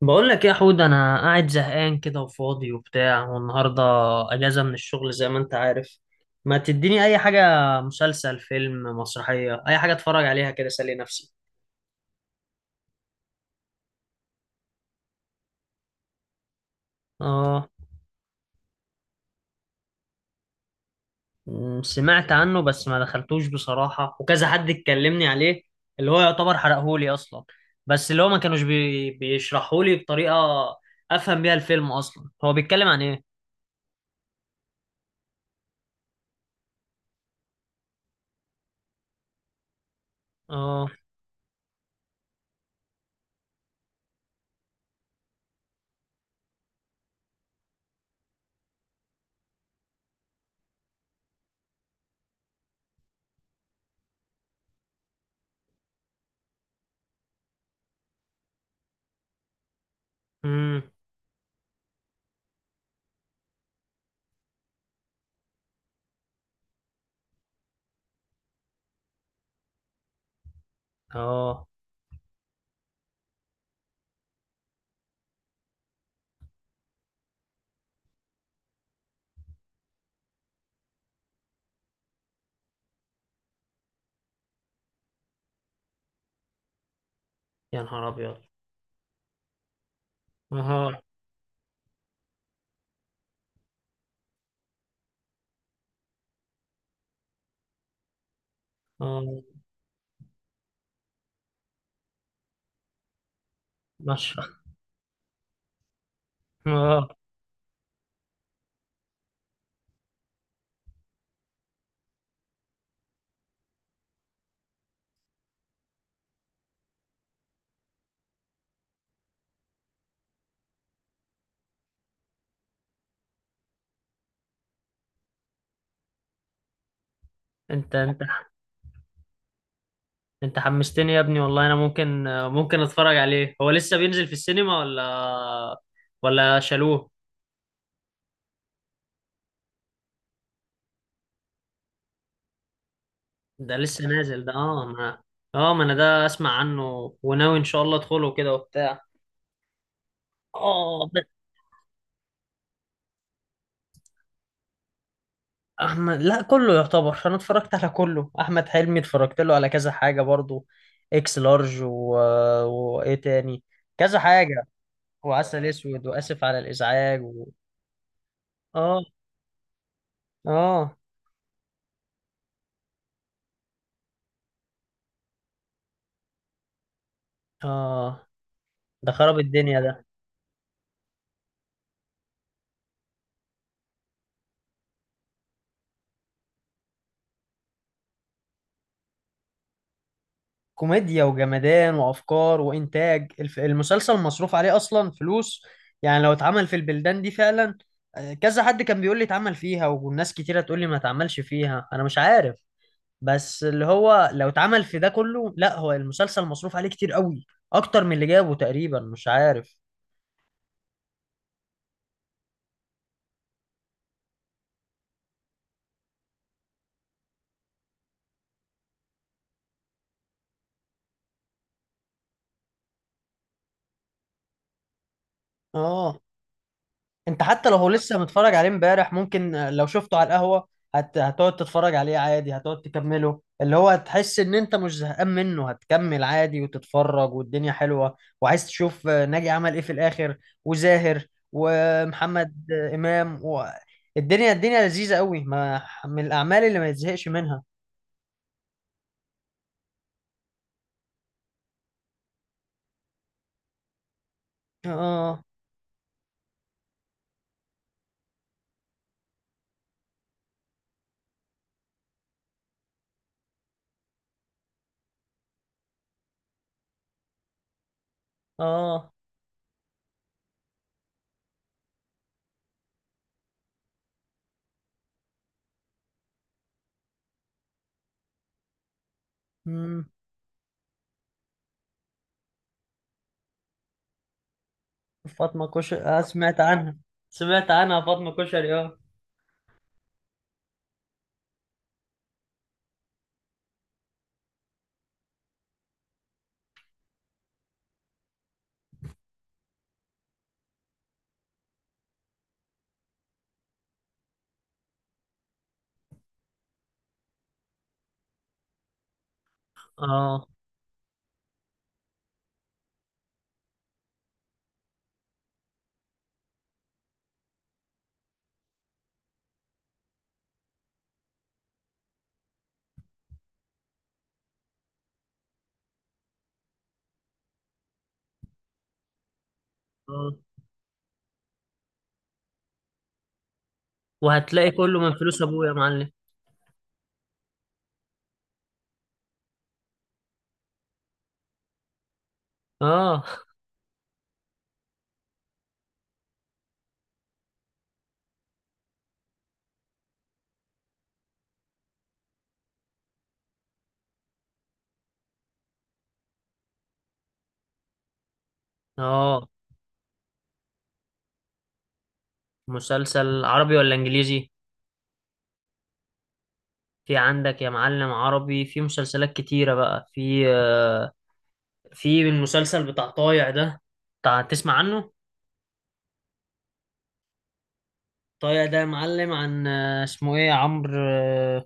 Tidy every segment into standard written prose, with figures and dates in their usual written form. بقول لك إيه يا حود، انا قاعد زهقان كده وفاضي وبتاع. والنهارده اجازه من الشغل زي ما انت عارف. ما تديني اي حاجه، مسلسل، فيلم، مسرحيه، اي حاجه اتفرج عليها كده اسلي نفسي. اه. سمعت عنه بس ما دخلتوش بصراحه، وكذا حد اتكلمني عليه اللي هو يعتبر حرقهولي اصلا. بس اللي هو ما كانوش بيشرحهولي بطريقه افهم بيها الفيلم اصلا. هو بيتكلم عن ايه؟ اه. امم. اه. يا نهار ابيض. اه. اه. ماشي. اه. انت انت حمستني يا ابني والله. انا ممكن اتفرج عليه. هو لسه بينزل في السينما ولا شالوه؟ ده لسه نازل ده، اه، ما اه، ما انا ده اسمع عنه وناوي ان شاء الله ادخله كده وبتاع. اه احمد، لا، كله يعتبر. انا اتفرجت على كله. احمد حلمي اتفرجت له على كذا حاجة برضو، اكس لارج وايه تاني، كذا حاجة. وعسل اسود واسف على الازعاج. اه. اه. اه. ده خرب الدنيا ده. كوميديا وجمدان وافكار وانتاج. المسلسل مصروف عليه اصلا فلوس يعني. لو اتعمل في البلدان دي فعلا. كذا حد كان بيقول لي اتعمل فيها، والناس كتيرة تقول لي ما اتعملش فيها، انا مش عارف. بس اللي هو لو اتعمل في ده كله، لا، هو المسلسل مصروف عليه كتير قوي، اكتر من اللي جابه تقريبا، مش عارف. اه. انت حتى لو هو لسه متفرج عليه امبارح، ممكن لو شفته على القهوة، هتقعد تتفرج عليه عادي، هتقعد تكمله، اللي هو هتحس ان انت مش زهقان منه، هتكمل عادي وتتفرج. والدنيا حلوة وعايز تشوف ناجي عمل ايه في الاخر، وزاهر ومحمد امام. الدنيا لذيذة قوي. ما من الاعمال اللي ما يتزهقش منها. اه. اه. مم. فاطمة كشري، آه، سمعت عنها. سمعت عنها فاطمة كشري، اه. اه. آه. وهتلاقي كله من فلوس ابويا يا معلم. اه. اه. مسلسل عربي ولا انجليزي؟ في عندك يا معلم عربي، في مسلسلات كتيرة بقى. في في المسلسل بتاع طايع ده، بتاع تسمع عنه؟ طايع ده يا معلم عن اسمه ايه، عمرو،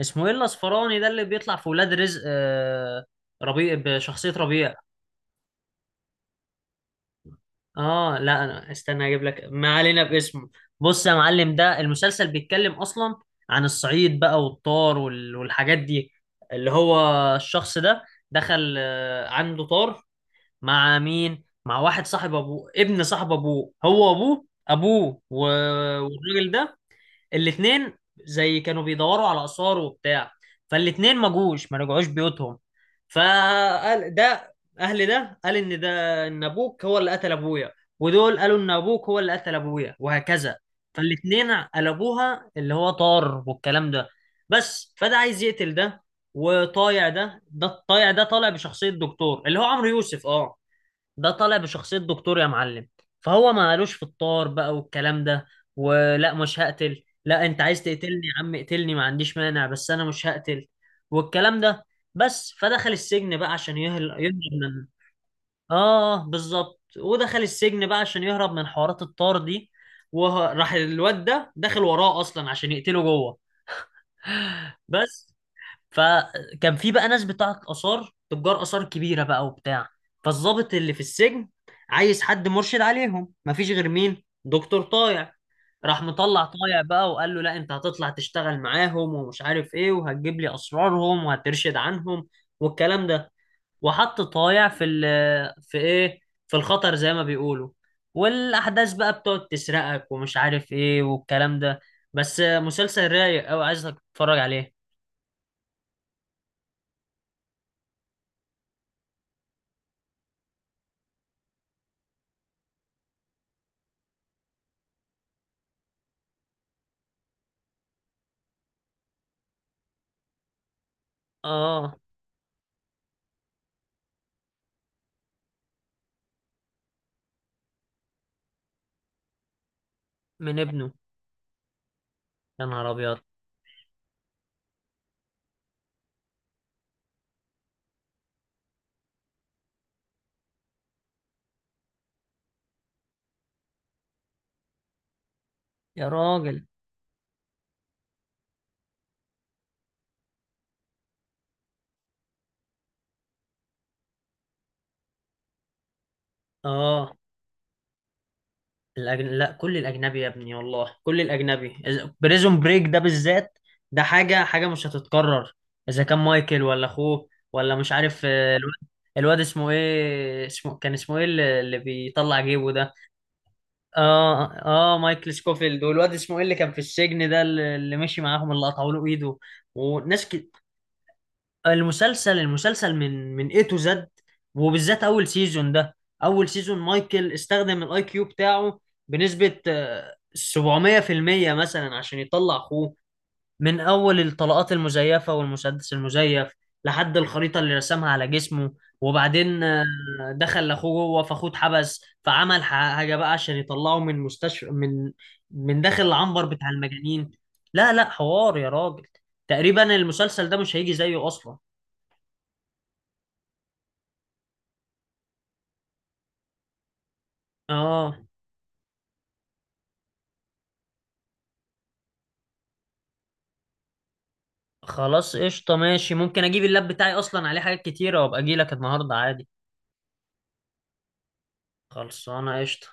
اسمه ايه الاصفراني ده اللي بيطلع في ولاد رزق، ربيع، بشخصية ربيع. اه، لا، انا استنى اجيب لك، ما علينا باسمه. بص يا معلم، ده المسلسل بيتكلم اصلا عن الصعيد بقى والطار والحاجات دي. اللي هو الشخص ده دخل، عنده طار مع مين؟ مع واحد صاحب ابوه، ابن صاحب ابوه، هو ابوه ابوه والراجل ده، الاتنين زي كانوا بيدوروا على آثار وبتاع. فالاتنين ما جوش، ما رجعوش بيوتهم. فقال ده، أهل ده قال إن ده إن أبوك هو اللي قتل أبويا، ودول قالوا إن أبوك هو اللي قتل أبويا وهكذا. فالاتنين قلبوها اللي هو طار والكلام ده. بس فده عايز يقتل ده. وطايع ده الطايع ده طالع بشخصية دكتور، اللي هو عمرو يوسف، اه، ده طالع بشخصية دكتور يا معلم. فهو ما قالوش، في الطار بقى والكلام ده، ولا، مش هقتل. لا، انت عايز تقتلني يا عم اقتلني، ما عنديش مانع، بس انا مش هقتل والكلام ده. بس فدخل السجن بقى عشان يهرب من، اه، بالظبط، ودخل السجن بقى عشان يهرب من حوارات الطار دي. وراح الواد ده داخل وراه اصلا عشان يقتله جوه. بس فكان في بقى ناس بتاعت آثار، تجار آثار كبيرة بقى وبتاع. فالضابط اللي في السجن عايز حد مرشد عليهم، مفيش غير مين؟ دكتور طايع. راح مطلع طايع بقى وقال له: لا، انت هتطلع تشتغل معاهم ومش عارف ايه، وهتجيب لي اسرارهم وهترشد عنهم والكلام ده. وحط طايع في ال، في ايه، في الخطر زي ما بيقولوا. والاحداث بقى بتقعد تسرقك ومش عارف ايه والكلام ده. بس مسلسل رايق قوي، عايزك تتفرج عليه. اه. من ابنه. يا نهار ابيض. يا راجل. اه. لا، كل الاجنبي يا ابني والله. كل الاجنبي. بريزون بريك ده بالذات، ده حاجه حاجه مش هتتكرر. اذا كان مايكل ولا اخوه، ولا مش عارف، الواد، الواد اسمه ايه، اسمه كان اسمه ايه اللي بيطلع جيبه ده. اه، اه، مايكل سكوفيلد. والواد اسمه ايه اللي كان في السجن ده، اللي مشي معاهم، اللي قطعوا له ايده، وناس المسلسل من اي تو زد. وبالذات اول سيزون ده. اول سيزون مايكل استخدم الاي كيو بتاعه بنسبة 700% مثلا عشان يطلع اخوه. من اول الطلقات المزيفة والمسدس المزيف، لحد الخريطة اللي رسمها على جسمه. وبعدين دخل لاخوه جوه، فاخوه اتحبس فعمل حاجة بقى عشان يطلعه من مستشفى، من داخل العنبر بتاع المجانين. لا لا، حوار يا راجل. تقريبا المسلسل ده مش هيجي زيه اصلا. اه. خلاص، قشطة، ماشي. ممكن اجيب اللاب بتاعي اصلا عليه حاجات كتيرة، وابقى اجي لك النهاردة عادي. خلصانة، قشطة.